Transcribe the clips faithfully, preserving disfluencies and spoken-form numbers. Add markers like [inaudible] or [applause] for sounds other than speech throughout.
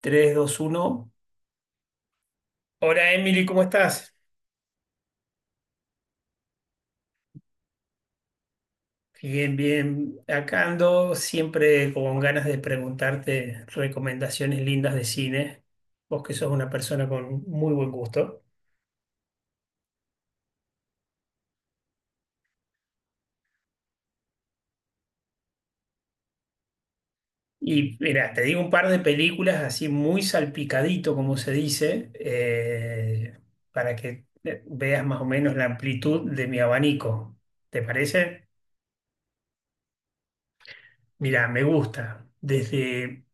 Tres, dos, uno. Hola Emily, ¿cómo estás? Bien, bien. Acá ando siempre con ganas de preguntarte recomendaciones lindas de cine. Vos que sos una persona con muy buen gusto. Y mira, te digo un par de películas así muy salpicadito, como se dice, eh, para que eh, veas más o menos la amplitud de mi abanico. ¿Te parece? Mira, me gusta. Desde...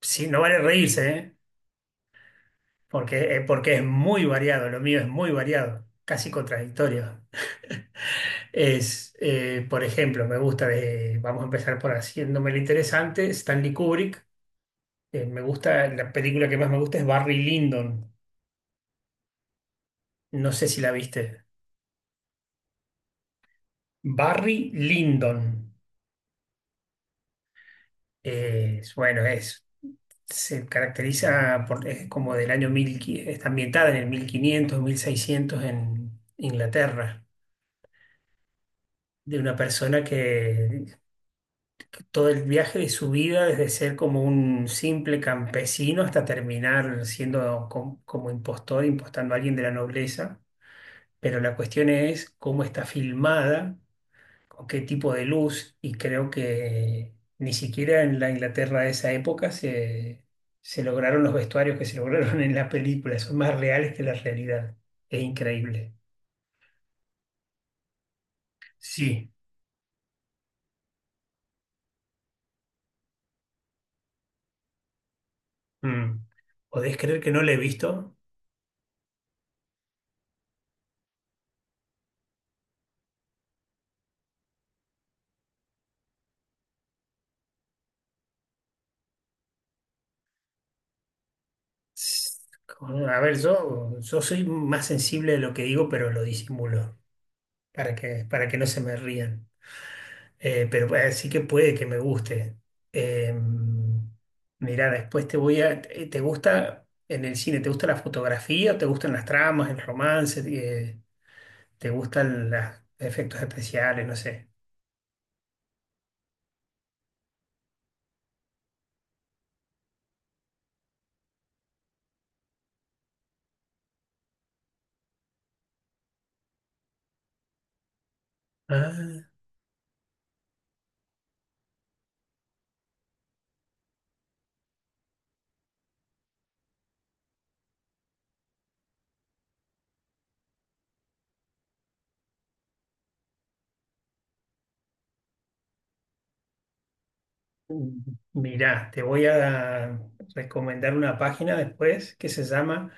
Sí, no vale reírse, ¿eh? porque, eh, porque es muy variado, lo mío es muy variado, casi contradictorio. Es, eh, por ejemplo, me gusta de, vamos a empezar por haciéndome lo interesante, Stanley Kubrick. Eh, me gusta, la película que más me gusta es Barry Lyndon, no sé si la viste. Barry Lyndon, eh, es- bueno, es, se caracteriza por, es como del año mil, está ambientada en el mil quinientos mil seiscientos en Inglaterra, de una persona que todo el viaje de su vida, desde ser como un simple campesino hasta terminar siendo com- como impostor, impostando a alguien de la nobleza. Pero la cuestión es cómo está filmada, con qué tipo de luz, y creo que ni siquiera en la Inglaterra de esa época se, se, lograron los vestuarios que se lograron en la película, son más reales que la realidad. Es increíble. Sí. Mm. ¿Podés creer que no la he visto? Con- A ver, yo, yo soy más sensible de lo que digo, pero lo disimulo para que, para que no se me rían. Eh, pero eh, sí que puede que me guste. Eh, Mirá, después te voy a... eh, ¿Te gusta en el cine? ¿Te gusta la fotografía? ¿Te gustan las tramas, el romance? Eh, ¿te gustan los efectos especiales? No sé. Ah. Mirá, te voy a recomendar una página después que se llama,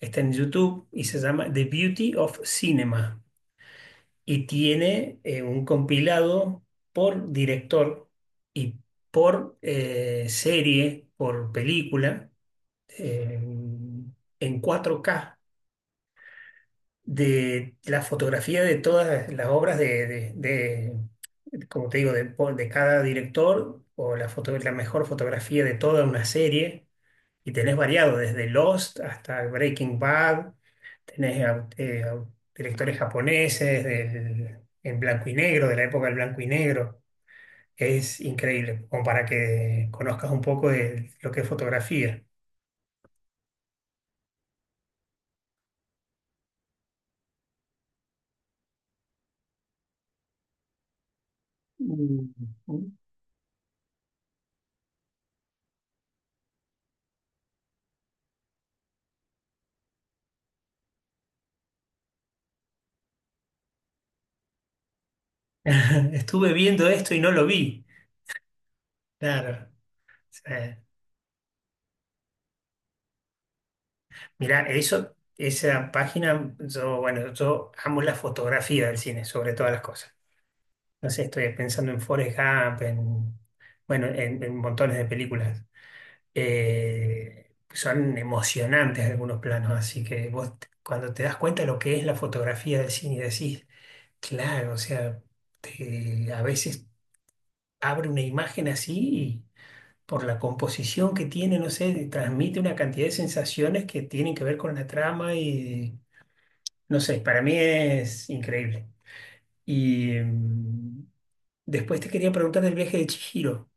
está en YouTube y se llama The Beauty of Cinema y tiene eh, un compilado por director y por eh, serie, por película, eh, en cuatro K de la fotografía de todas las obras de, de- de, como te digo, de, po- de cada director o la foto, la mejor fotografía de toda una serie y tenés variado desde Lost hasta Breaking Bad, tenés au- eh, au- directores japoneses del, en blanco y negro, de la época del blanco y negro. Es increíble, como para que conozcas un poco de lo que es fotografía. Mm. [laughs] Estuve viendo esto y no lo vi. Claro. Sí. Mirá, eso, esa página, yo, bueno, yo amo la fotografía del cine, sobre todas las cosas. No sé, estoy pensando en Forrest Gump, en, bueno, en, en montones de películas. Eh, son emocionantes algunos planos, así que vos, te- cuando te das cuenta lo que es la fotografía del cine, decís, claro, o sea, te- a veces abre una imagen así y por la composición que tiene, no sé, transmite una cantidad de sensaciones que tienen que ver con la trama y no sé, para mí es increíble. Y mm, después te quería preguntar del viaje de Chihiro,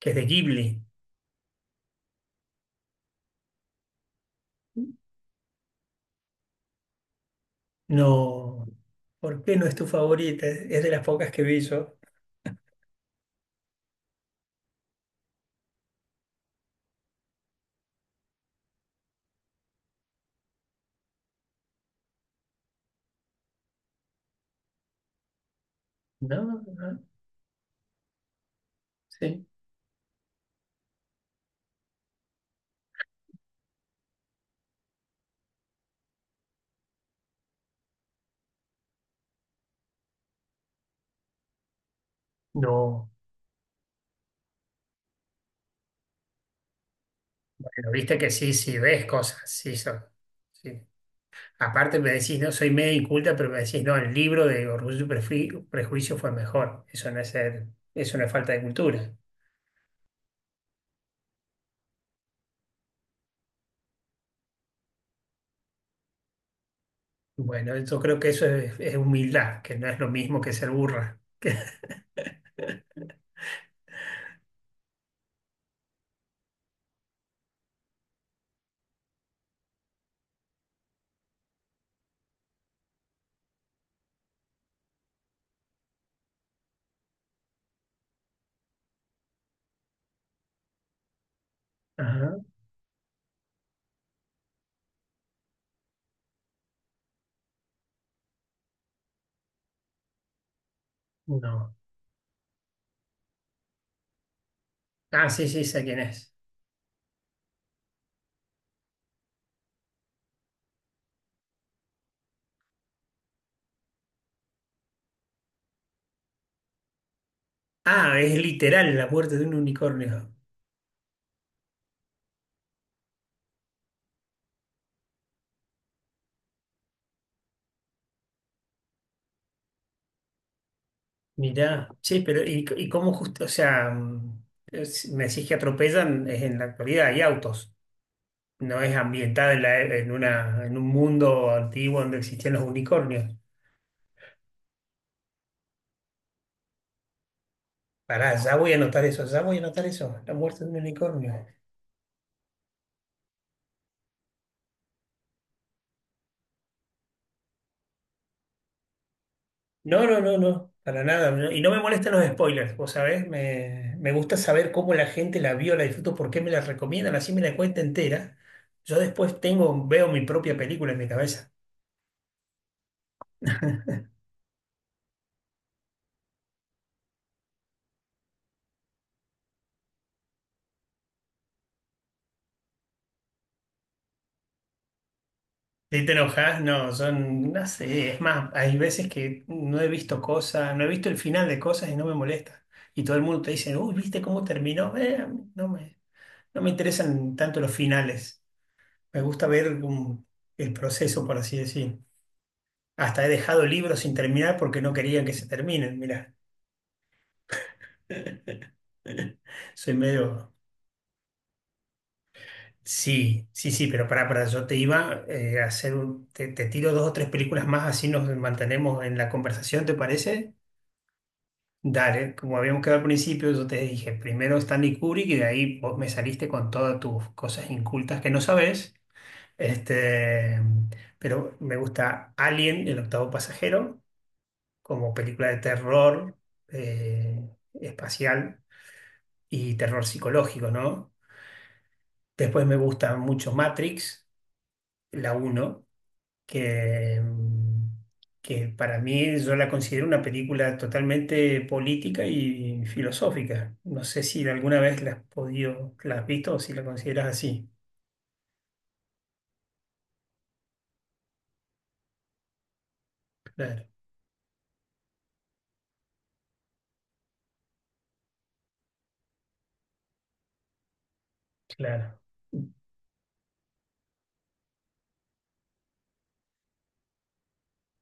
que es de Ghibli. No, ¿por qué no es tu favorita? Es es de las pocas que vi yo. No, no, sí. No, bueno, viste que sí, sí, ves cosas, sí, son. Sí. Aparte me decís, no, soy medio inculta, pero me decís, no, el libro de Orgullo y Prefi- Prejuicio fue mejor. Eso no es ser, eso no es falta de cultura. Bueno, yo creo que eso es, es, humildad, que no es lo mismo que ser burra. [laughs] Ajá, no. Ah, sí, sí, sé quién es. Ah, es literal la muerte de un unicornio. Mirá, sí, pero ¿y, y cómo justo? O sea, mm, es- me decís que atropellan, es en la actualidad, hay autos. No es ambientada en, la e- en una, en un mundo antiguo donde existían los unicornios. Pará, ya voy a anotar eso, ya voy a anotar eso, la muerte de un unicornio. No, no, no, no, para nada. No, y no me molestan los spoilers, vos sabés, me, me gusta saber cómo la gente la vio, la disfruto, por qué me la recomiendan, así me la cuenta entera. Yo después tengo, veo mi propia película en mi cabeza. Si te enojas, no, son, no sé, es más, hay veces que no he visto cosas, no he visto el final de cosas y no me molesta. Y todo el mundo te dice, uy, ¿viste cómo terminó? Eh, a mí no me, no me interesan tanto los finales. Me gusta ver um, el proceso, por así decir. Hasta he dejado libros sin terminar porque no querían que se terminen, mirá. [laughs] Soy medio... Sí, sí, sí, pero para para yo te iba eh, a hacer un... Te, te tiro dos o tres películas más, así nos mantenemos en la conversación, ¿te parece? Dale, como habíamos quedado al principio, yo te dije, primero Stanley Kubrick y de ahí vos me saliste con todas tus cosas incultas que no sabés. Este, pero me gusta Alien, el octavo pasajero, como película de terror eh, espacial y terror psicológico, ¿no? Después me gusta mucho Matrix, la uno que, mm, que para mí yo la considero una película totalmente política y filosófica. No sé si alguna vez la has podido, la has visto o si la consideras así. Claro, claro.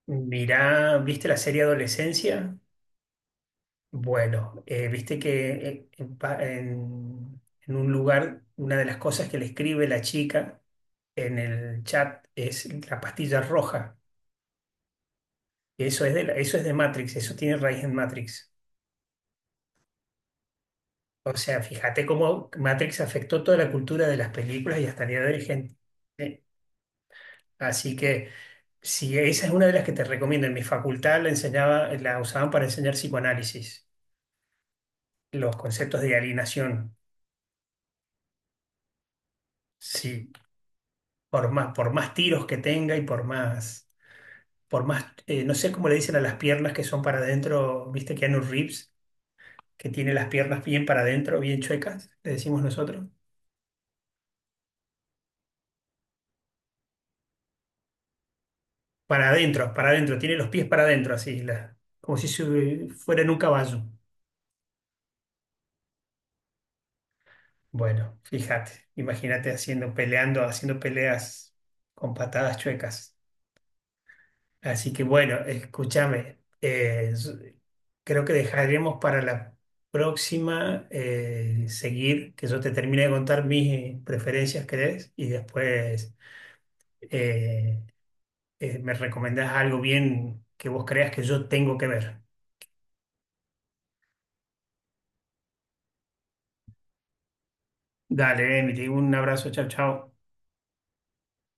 Mirá, ¿viste la serie Adolescencia? Bueno, eh, viste que eh, en, pa- en- en un lugar, una de las cosas que le escribe la chica en el chat es la pastilla roja. Eso es de, la- eso es de Matrix, eso tiene raíz en Matrix. O sea, fíjate cómo Matrix afectó toda la cultura de las películas y hasta el día de hoy hay gente. eh, Así que si esa es una de las que te recomiendo, en mi facultad la enseñaba, la usaban para enseñar psicoanálisis, los conceptos de alienación. Sí, por más, por más tiros que tenga y por más por más, eh, no sé cómo le dicen a las piernas que son para adentro, viste Keanu Reeves, que tiene las piernas bien para adentro, bien chuecas, le decimos nosotros. Para adentro, para adentro, tiene los pies para adentro, así, la- como si se- fueran un caballo. Bueno, fíjate, imagínate haciendo, peleando, haciendo peleas con patadas chuecas. Así que bueno, escúchame, eh, s- creo que dejaremos para la próxima eh, seguir, que yo te termine de contar mis preferencias, ¿crees? Y después eh, eh, me recomendás algo bien que vos creas que yo tengo que ver. Dale, Emily, un abrazo, chao, chao.